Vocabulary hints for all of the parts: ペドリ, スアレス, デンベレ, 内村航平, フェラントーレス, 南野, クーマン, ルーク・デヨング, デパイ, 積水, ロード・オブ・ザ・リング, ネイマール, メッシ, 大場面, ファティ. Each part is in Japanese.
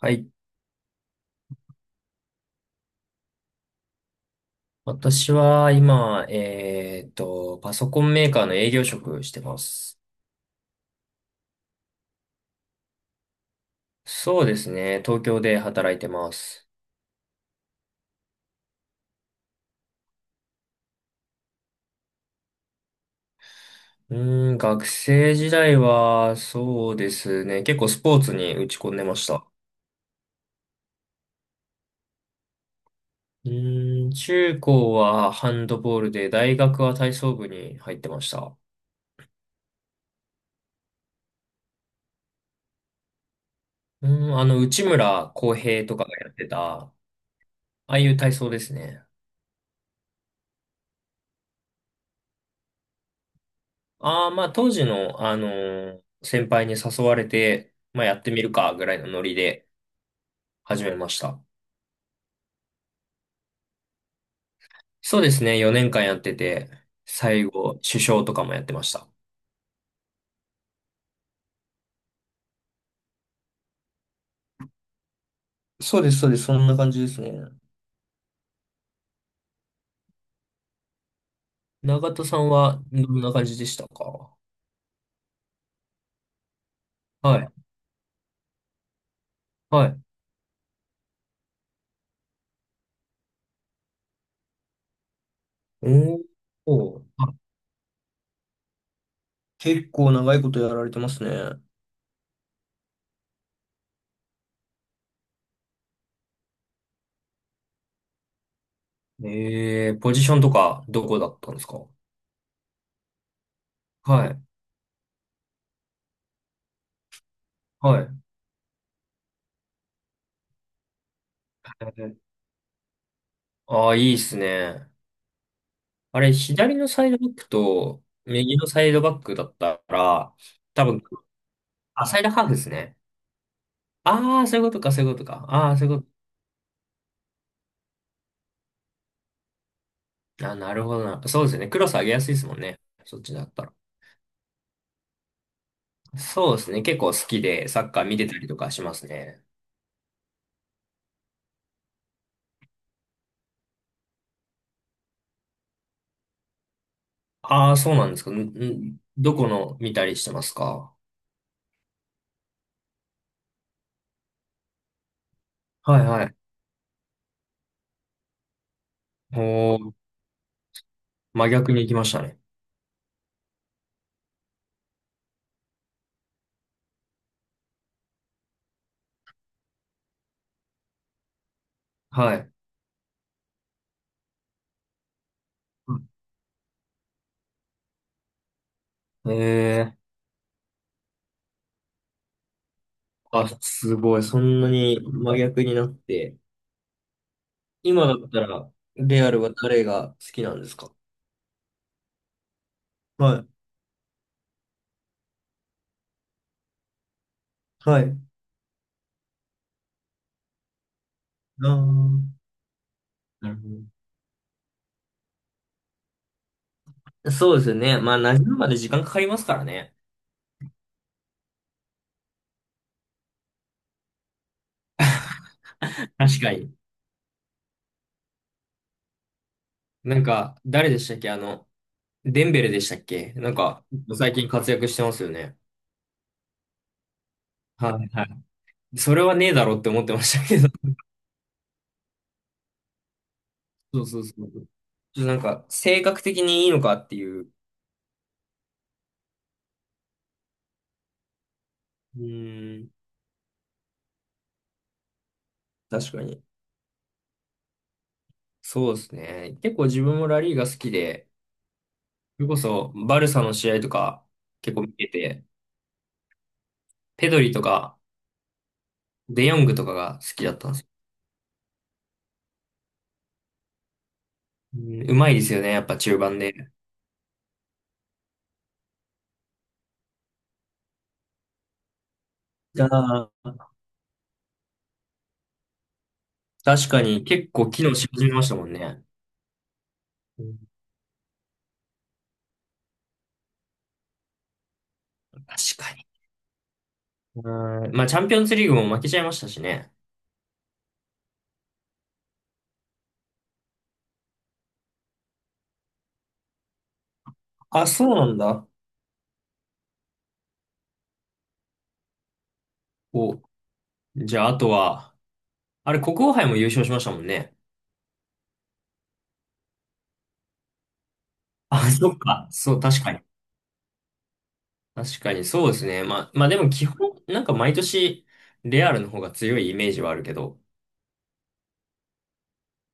はい。私は今、パソコンメーカーの営業職してます。そうですね。東京で働いてます。う学生時代は、そうですね。結構スポーツに打ち込んでました。中高はハンドボールで、大学は体操部に入ってました。うー内村航平とかがやってた、ああいう体操ですね。ああ、まあ当時の、先輩に誘われて、まあやってみるかぐらいのノリで始めました。そうですね、4年間やってて、最後、首相とかもやってました。そうです、そうです、そんな感じですね。永田さんはどんな感じでしたか？はい、はい。おーおー、あ、結構長いことやられてますね。ええ、ポジションとかどこだったんですか？はい、はい。ああー、いいっすね。あれ、左のサイドバックと右のサイドバックだったら、多分、あ、サイドハーフですね。ああ、そういうことか、そういうことか。ああ、そういうこと。あ、なるほどな。そうですね。クロス上げやすいですもんね。そっちだったら。そうですね。結構好きでサッカー見てたりとかしますね。ああ、そうなんですか。んん、どこの見たりしてますか？はいはい。おー、真逆に行きましたね。はい。うん、えー、あ、すごい。そんなに真逆になって。今だったら、レアルは誰が好きなんですか？はい。はい。あー、なるほど。そうですよね。まあ、馴染むまで時間かかりますからね。確かに。なんか、誰でしたっけ、あの、デンベレでしたっけ、なんか、最近活躍してますよね。はいはい。それはねえだろうって思ってましたけど。そうそうそう。ちょっとなんか、性格的にいいのかっていう。うーん、確かに。そうですね。結構自分もラリーが好きで、それこそ、バルサの試合とか結構見てて、ペドリとかデヨングとかが好きだったんですよ。うん、うまいですよね、やっぱ中盤で。あー、確かに結構機能し始めましたもんね。うん、確かに。うん、まあ、チャンピオンズリーグも負けちゃいましたしね。あ、そうなんだ。お、じゃあ、あとは、あれ、国王杯も優勝しましたもんね。あ、そっか。そう、確かに。確かに、そうですね。まあ、まあでも基本、なんか毎年、レアルの方が強いイメージはあるけど、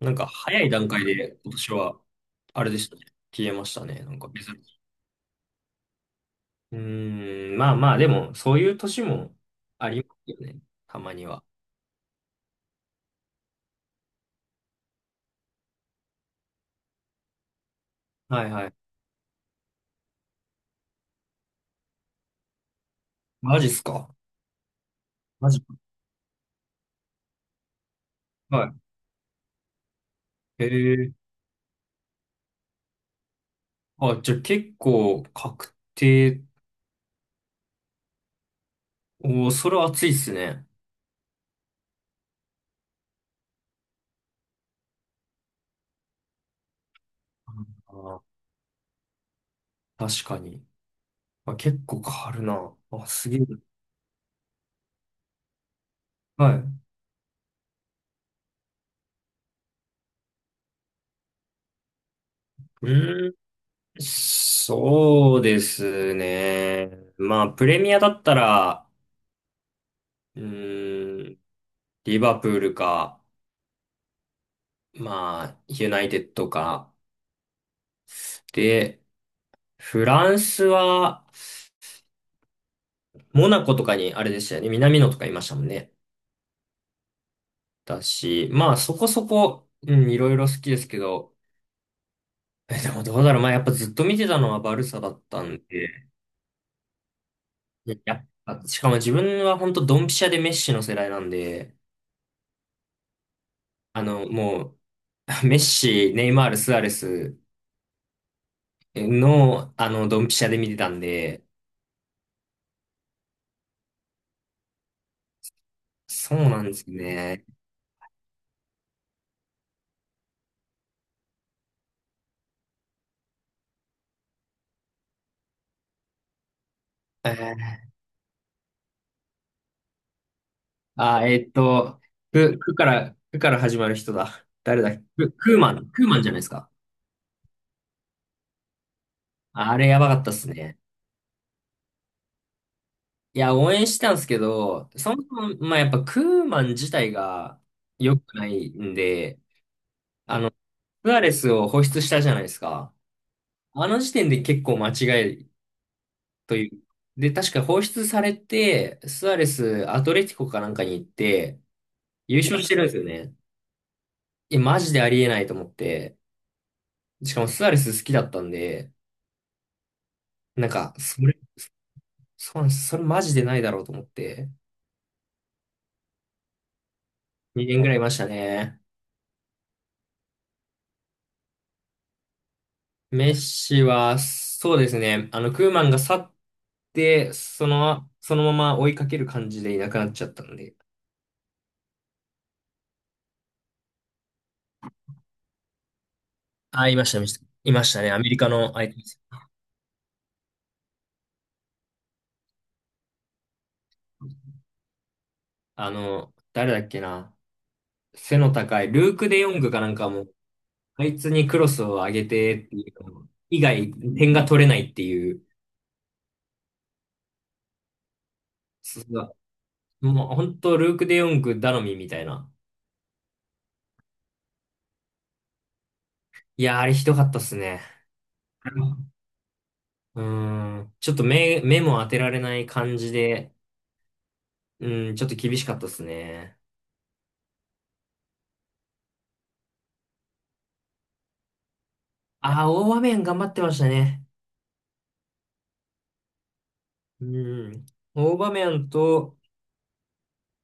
なんか早い段階で今年は、あれでしたね。消えましたね。なんか別に。まあまあ、でも、そういう年もありますよね。たまには。はいはい。マジっすか？マジ、はい。へえ。あ、じゃあ結構確定。おー、それは熱いっすね。うん、あー、確かに。あ、結構変わるな。あ、すげえ。はい。うーん、そうですね。まあ、プレミアだったら、うー、リバプールか、まあ、ユナイテッドか。で、フランスは、モナコとかにあれでしたよね。南野とかいましたもんね。だし、まあ、そこそこ、うん、いろいろ好きですけど、え、でもどうだろう。まあ、やっぱずっと見てたのはバルサだったんで、いや、やっぱしかも自分は本当ドンピシャでメッシの世代なんで、あの、もう、メッシ、ネイマール、スアレスの、あの、ドンピシャで見てたんで、そうなんですね。えー、あ、く、くから、くから始まる人だ。誰だっけ、く、クーマン、クーマンじゃないですか。あれやばかったっすね。いや、応援してたんですけど、そもそも、まあ、やっぱクーマン自体が良くないんで、あの、スアレスを放出したじゃないですか。あの時点で結構間違いという。で、確か放出されて、スアレス、アトレティコかなんかに行って、優勝してるんですよね。いや、マジでありえないと思って。しかもスアレス好きだったんで、なんか、それ、そうなんです。それマジでないだろうと思って、2年ぐらいいましたね。メッシは、そうですね。あの、クーマンが去って、その、そのまま追いかける感じでいなくなっちゃったんで。あ、いました、いました。いましたね。アメリカの相手です。あの、誰だっけな。背の高い、ルーク・デヨングかなんかも、あいつにクロスを上げてっていうの以外、点が取れないっていう、そう、もう本当、ルーク・デヨング頼みみたいな。いや、あれひどかったっすね。うん。ちょっと目、目も当てられない感じで、うん、ちょっと厳しかったですね。ああ、大場面頑張ってましたね。うん。大場面と、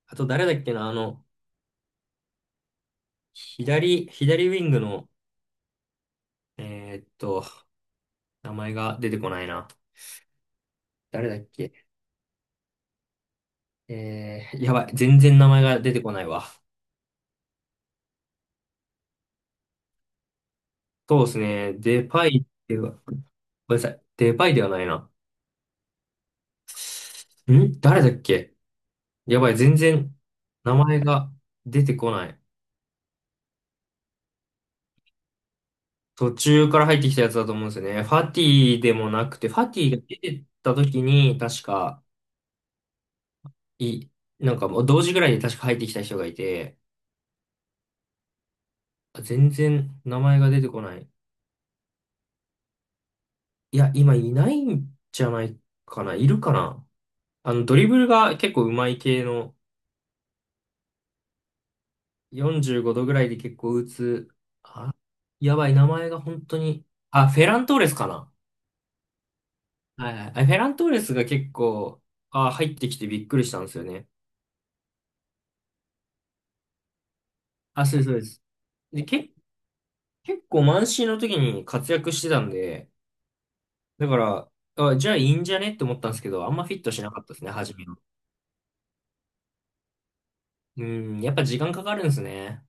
あと誰だっけな、あの、左、左ウィングの、えーっと、名前が出てこないな。誰だっけ、えー、やばい。全然名前が出てこないわ。そうですね。デパイでは、ごめんなさい。デパイではないな。ん、誰だっけ、やばい。全然名前が出てこない。途中から入ってきたやつだと思うんですよね。ファティでもなくて、ファティが出てった時に、確か、い、なんかもう同時ぐらいに確か入ってきた人がいて、あ、全然名前が出てこない。いや、今いないんじゃないかな。いるかな。あの、ドリブルが結構上手い系の、45度ぐらいで結構打つ。あ、やばい、名前が本当に。あ、フェラントーレスかな。はいはい。あ、フェラントーレスが結構、あ、入ってきてびっくりしたんですよね。あ、そうです、そうです。で、結構満身の時に活躍してたんで、だから、あ、じゃあいいんじゃねって思ったんですけど、あんまフィットしなかったですね、初めの。うん、やっぱ時間かかるんですね。